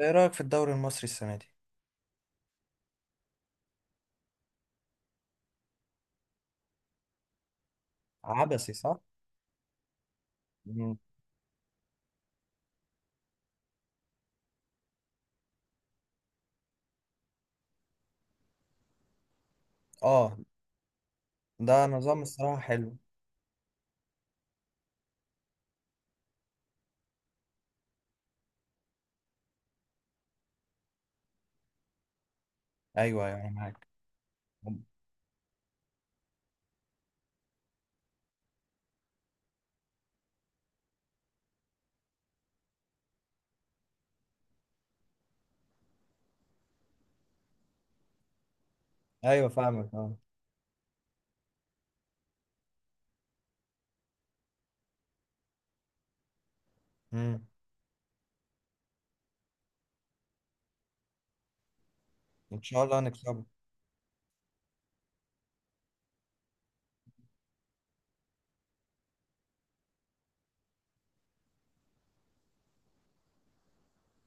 ايه رأيك في الدوري المصري السنة دي؟ عبثي صح؟ مم. اه، ده نظام الصراحة حلو. ايوه يعني معاك. ايوه فاهمك اه. مم. ان شاء الله هنكسبه.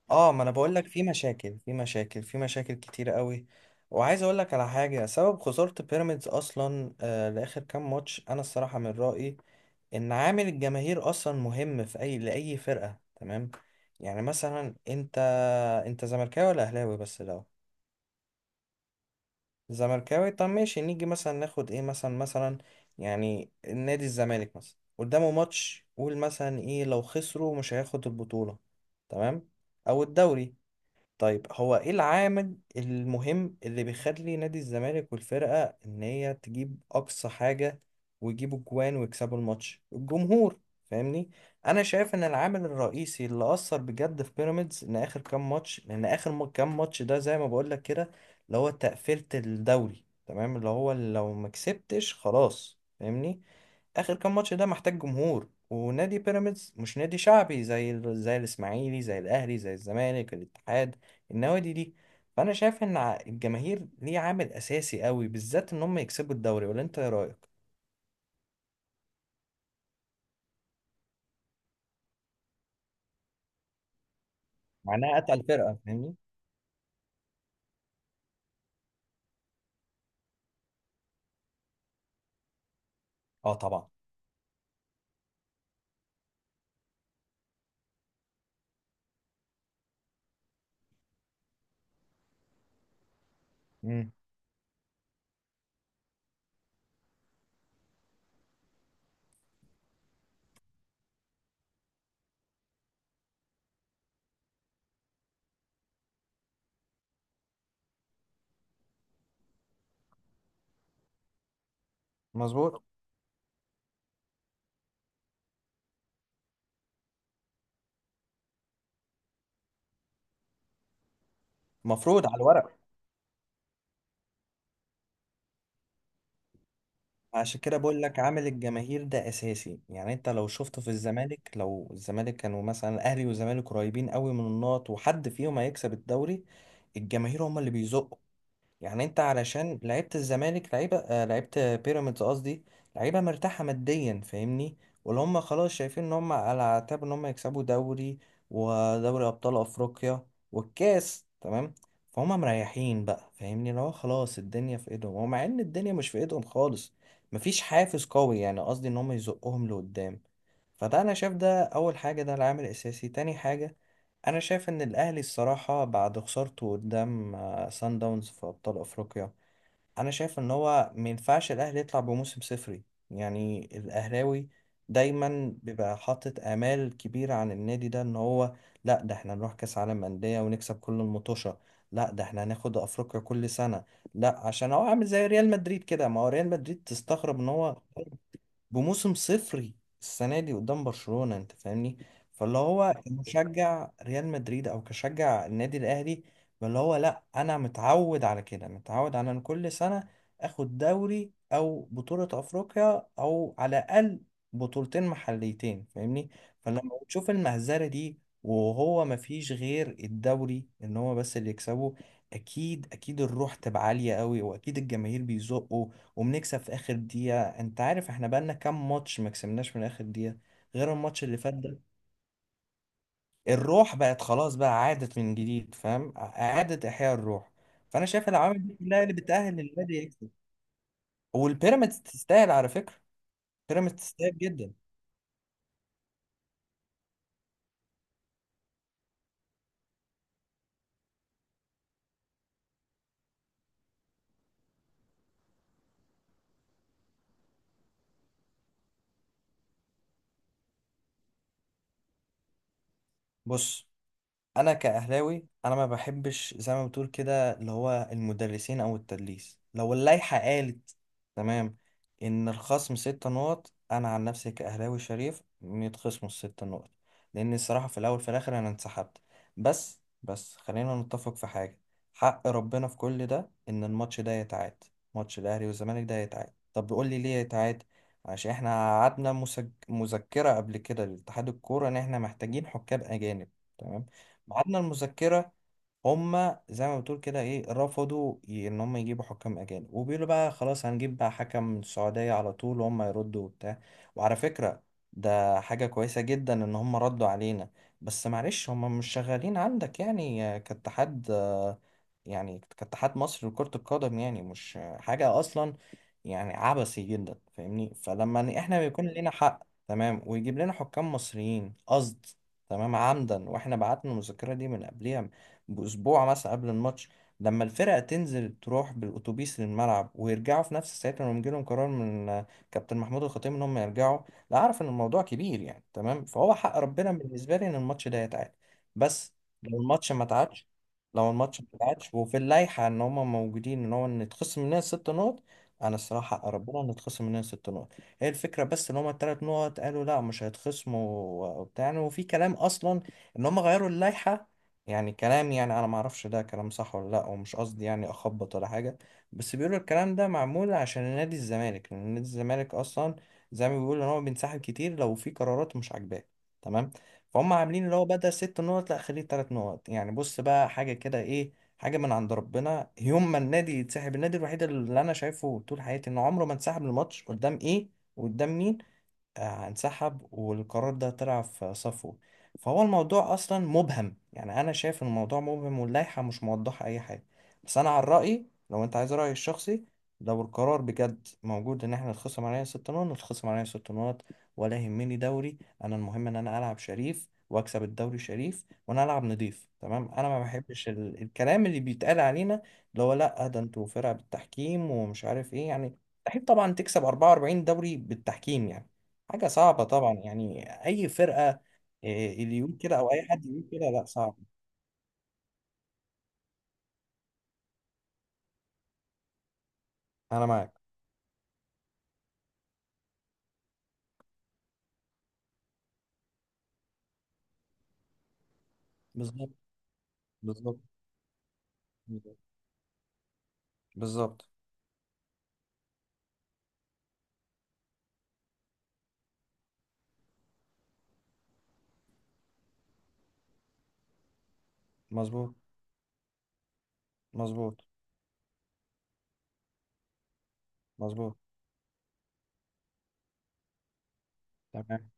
اه، ما انا بقول لك في مشاكل في مشاكل في مشاكل كتير قوي، وعايز اقول لك على حاجة. سبب خسارة بيراميدز اصلا لاخر كام ماتش، انا الصراحة من رأيي ان عامل الجماهير اصلا مهم في اي لاي فرقة، تمام؟ يعني مثلا انت، انت زملكاوي ولا اهلاوي بس الاول؟ زملكاوي، طب ماشي نيجي مثلا ناخد ايه مثلا مثلا، يعني نادي الزمالك مثلا قدامه ماتش، قول مثلا ايه لو خسروا مش هياخد البطولة، تمام، او الدوري. طيب هو ايه العامل المهم اللي بيخلي نادي الزمالك والفرقة ان هي تجيب اقصى حاجة ويجيبوا جوان ويكسبوا الماتش؟ الجمهور، فاهمني؟ انا شايف ان العامل الرئيسي اللي اثر بجد في بيراميدز ان اخر كام ماتش، لان اخر كام ماتش ده زي ما بقول لك كده، اللي هو تقفيلة الدوري، تمام، اللي هو لو ما كسبتش خلاص، فاهمني؟ اخر كام ماتش ده محتاج جمهور، ونادي بيراميدز مش نادي شعبي زي زي الاسماعيلي، زي الاهلي، زي الزمالك، الاتحاد، النوادي دي. فانا شايف ان الجماهير ليه عامل اساسي قوي، بالذات ان هم يكسبوا الدوري، ولا انت ايه رايك؟ معناها اتقل فرقه، فاهمني؟ اه طبعا. امم. مظبوط. مفروض على الورق. عشان كده بقول لك عامل الجماهير ده اساسي، يعني انت لو شفته في الزمالك، لو الزمالك كانوا مثلا، الاهلي والزمالك قريبين قوي من النقط وحد فيهم هيكسب الدوري، الجماهير هم اللي بيزقوا. يعني انت علشان لعيبه الزمالك، لعيبه لعيبه بيراميدز قصدي، لعيبه مرتاحه ماديا، فاهمني؟ واللي هم خلاص شايفين ان هم على اعتاب ان هم يكسبوا دوري، ودوري ابطال افريقيا، والكاس، تمام؟ فهم مريحين بقى، فاهمني؟ اللي هو خلاص الدنيا في ايدهم، ومع ان الدنيا مش في ايدهم خالص، مفيش حافز قوي يعني، قصدي ان هم يزقهم لقدام. فده انا شايف ده اول حاجه، ده العامل الاساسي. تاني حاجه، انا شايف ان الاهلي الصراحه بعد خسارته قدام سان داونز في ابطال افريقيا، انا شايف ان هو ما ينفعش الاهلي يطلع بموسم صفري. يعني الاهلاوي دايما بيبقى حاطط امال كبيره عن النادي ده، ان هو لا، ده احنا نروح كاس عالم انديه ونكسب كل المطوشه، لا ده احنا هناخد افريقيا كل سنه، لا عشان هو عامل زي ريال مدريد كده. ما هو ريال مدريد تستغرب ان هو بموسم صفري السنة دي قدام برشلونة، انت فاهمني؟ فاللي هو كمشجع ريال مدريد او كشجع النادي الاهلي، فاللي هو لا انا متعود على كده، متعود على ان كل سنة اخد دوري او بطولة افريقيا، او على الاقل بطولتين محليتين، فاهمني؟ فلما بتشوف المهزلة دي، وهو مفيش غير الدوري ان هو بس اللي يكسبه، اكيد اكيد الروح تبقى عالية قوي، واكيد الجماهير بيزقوا. وبنكسب في اخر دقيقة. انت عارف احنا بقالنا كام ماتش ما كسبناش من اخر دقيقة غير الماتش اللي فات ده؟ الروح بقت خلاص بقى، عادت من جديد، فاهم؟ اعادة احياء الروح. فانا شايف العوامل دي كلها اللي بتأهل النادي يكسب. والبيراميدز تستاهل على فكرة، بيراميدز تستاهل جدا. بص، انا كاهلاوي انا ما بحبش زي ما بتقول كده، اللي هو المدرسين او التدليس. لو اللائحه قالت، تمام، ان الخصم ست نقط، انا عن نفسي كاهلاوي شريف إن يتخصموا الست نقط. لان الصراحه في الاول في الاخر انا انسحبت. بس بس خلينا نتفق في حاجه، حق ربنا في كل ده ان الماتش ده يتعاد. ماتش الاهلي والزمالك ده يتعاد. طب بيقول لي ليه يتعاد؟ عشان احنا قعدنا مذكره قبل كده لاتحاد الكوره ان احنا محتاجين حكام اجانب، تمام؟ ميعادنا المذكرة، هما زي ما بتقول كده ايه، رفضوا ان هما يجيبوا حكام اجانب، وبيقولوا بقى خلاص هنجيب بقى حكم من السعودية على طول، وهم يردوا وبتاع. وعلى فكرة، ده حاجة كويسة جدا ان هما ردوا علينا. بس معلش هما مش شغالين عندك يعني، كاتحاد، يعني كاتحاد مصر لكرة القدم، يعني مش، حاجة اصلا، يعني عبثي جدا، فاهمني؟ فلما احنا بيكون لنا حق، تمام، ويجيب لنا حكام مصريين، قصد، تمام، عمدا، واحنا بعتنا المذكرة دي من قبلها بأسبوع مثلا قبل الماتش، لما الفرقة تنزل تروح بالأتوبيس للملعب ويرجعوا في نفس الساعة لما يجيلهم قرار من كابتن محمود الخطيب إن هم يرجعوا، لا أعرف إن الموضوع كبير يعني، تمام؟ فهو حق ربنا بالنسبة لي إن الماتش ده يتعاد. بس لو الماتش ما اتعادش، لو الماتش ما اتعادش وفي اللائحة إن هم موجودين إن هو إن يتخصم مننا ست نقط، أنا الصراحة حق ربنا إن يتخصم مننا ست نقط. هي الفكرة بس ان هما التلات نقط قالوا لا مش هيتخصموا وبتاع. وفي كلام اصلا ان هما غيروا اللائحة، يعني كلام، يعني انا ما اعرفش ده كلام صح ولا لا، ومش قصدي يعني اخبط ولا حاجه، بس بيقولوا الكلام ده معمول عشان نادي الزمالك، لان نادي الزمالك اصلا زي ما بيقولوا ان هو بينسحب كتير لو في قرارات مش عاجباه، تمام؟ فهم عاملين اللي هو بدل ست نقط لا خليه تلات نقط. يعني بص بقى، حاجه كده ايه، حاجه من عند ربنا يوم ما النادي يتسحب، النادي الوحيد اللي انا شايفه طول حياتي انه عمره ما انسحب، الماتش قدام ايه وقدام مين؟ انسحب والقرار ده طلع في صفه. فهو الموضوع اصلا مبهم، يعني انا شايف ان الموضوع مبهم واللائحه مش موضحه اي حاجه. بس انا عن رايي، لو انت عايز رايي الشخصي، لو القرار بجد موجود ان احنا نتخصم علينا ست نقط، نتخصم علينا ست نقط ولا يهمني دوري. انا المهم ان انا العب شريف واكسب الدوري شريف، وانا العب نضيف، تمام؟ انا ما بحبش الكلام اللي بيتقال علينا، اللي هو لا ده انتوا فرقه بالتحكيم ومش عارف ايه. يعني مستحيل طبعا تكسب 44 دوري بالتحكيم، يعني حاجة صعبة طبعا، يعني أي فرقة إيه، اللي يقول كده أو أي حد يقول كده، لا صعب. أنا معاك. بالظبط بالظبط. بالظبط بالظبط. مظبوط. مظبوط. مظبوط. تمام.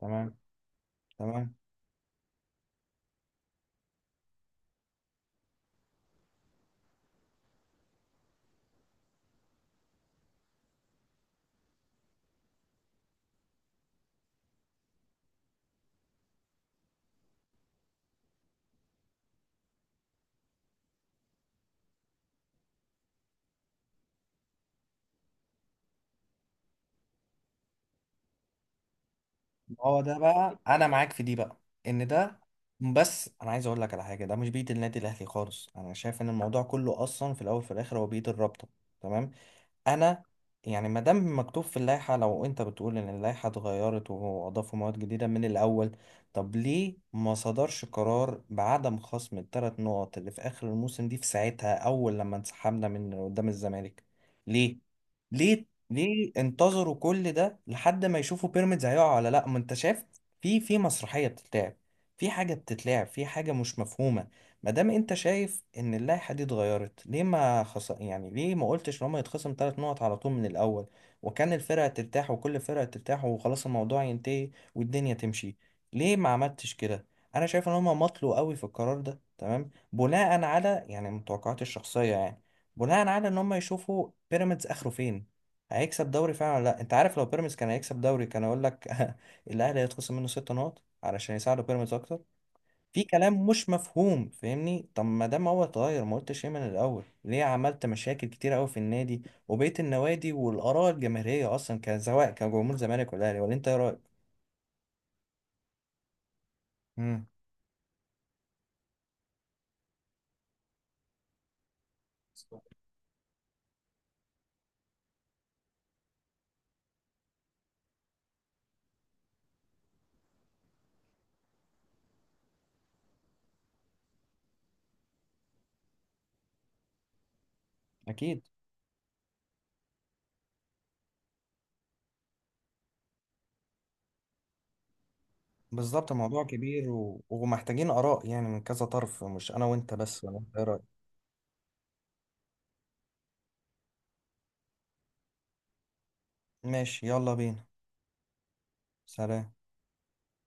تمام. تمام. هو ده بقى أنا معاك في دي بقى، إن ده، بس أنا عايز أقول لك على حاجة، ده مش بإيد النادي الأهلي خالص، أنا شايف إن الموضوع كله أصلا في الأول وفي الآخر هو بإيد الرابطة، تمام؟ انا يعني ما دام مكتوب في اللائحه، لو انت بتقول ان اللائحه اتغيرت واضافوا مواد جديده من الاول، طب ليه ما صدرش قرار بعدم خصم الثلاث نقط اللي في اخر الموسم دي في ساعتها اول لما انسحبنا من قدام الزمالك؟ ليه؟ ليه؟ ليه انتظروا كل ده لحد ما يشوفوا بيراميدز هيقع ولا لا؟ ما انت شايف في في مسرحيه بتتلعب، في حاجه بتتلعب، في حاجه مش مفهومه. ما دام انت شايف ان اللائحه دي اتغيرت، ليه ما يعني ليه ما قلتش ان هم يتخصم ثلاث نقط على طول من الاول، وكان الفرقه ترتاح وكل فرقه ترتاح وخلاص الموضوع ينتهي والدنيا تمشي؟ ليه ما عملتش كده؟ انا شايف ان هم مطلوا قوي في القرار ده، تمام، بناء على يعني متوقعاتي الشخصيه يعني، بناء على ان هم يشوفوا بيراميدز اخره فين، هيكسب دوري فعلا ولا لا. انت عارف لو بيراميدز كان هيكسب دوري، كان اقول لك الاهلي هيتخصم منه ست نقط علشان يساعدوا بيراميدز اكتر. في كلام مش مفهوم، فاهمني؟ طب ما دام هو اتغير ما قلتش ايه من الاول، ليه عملت مشاكل كتير قوي في النادي وبقيه النوادي والاراء الجماهيريه اصلا، كان سواء كجمهور زمالك ولا اهلي، ولا انت ايه رايك؟ مم. اكيد. بالظبط، الموضوع كبير ومحتاجين اراء يعني من كذا طرف، مش انا وانت بس، ولا انت ايه رايك؟ ماشي يلا بينا. سلام.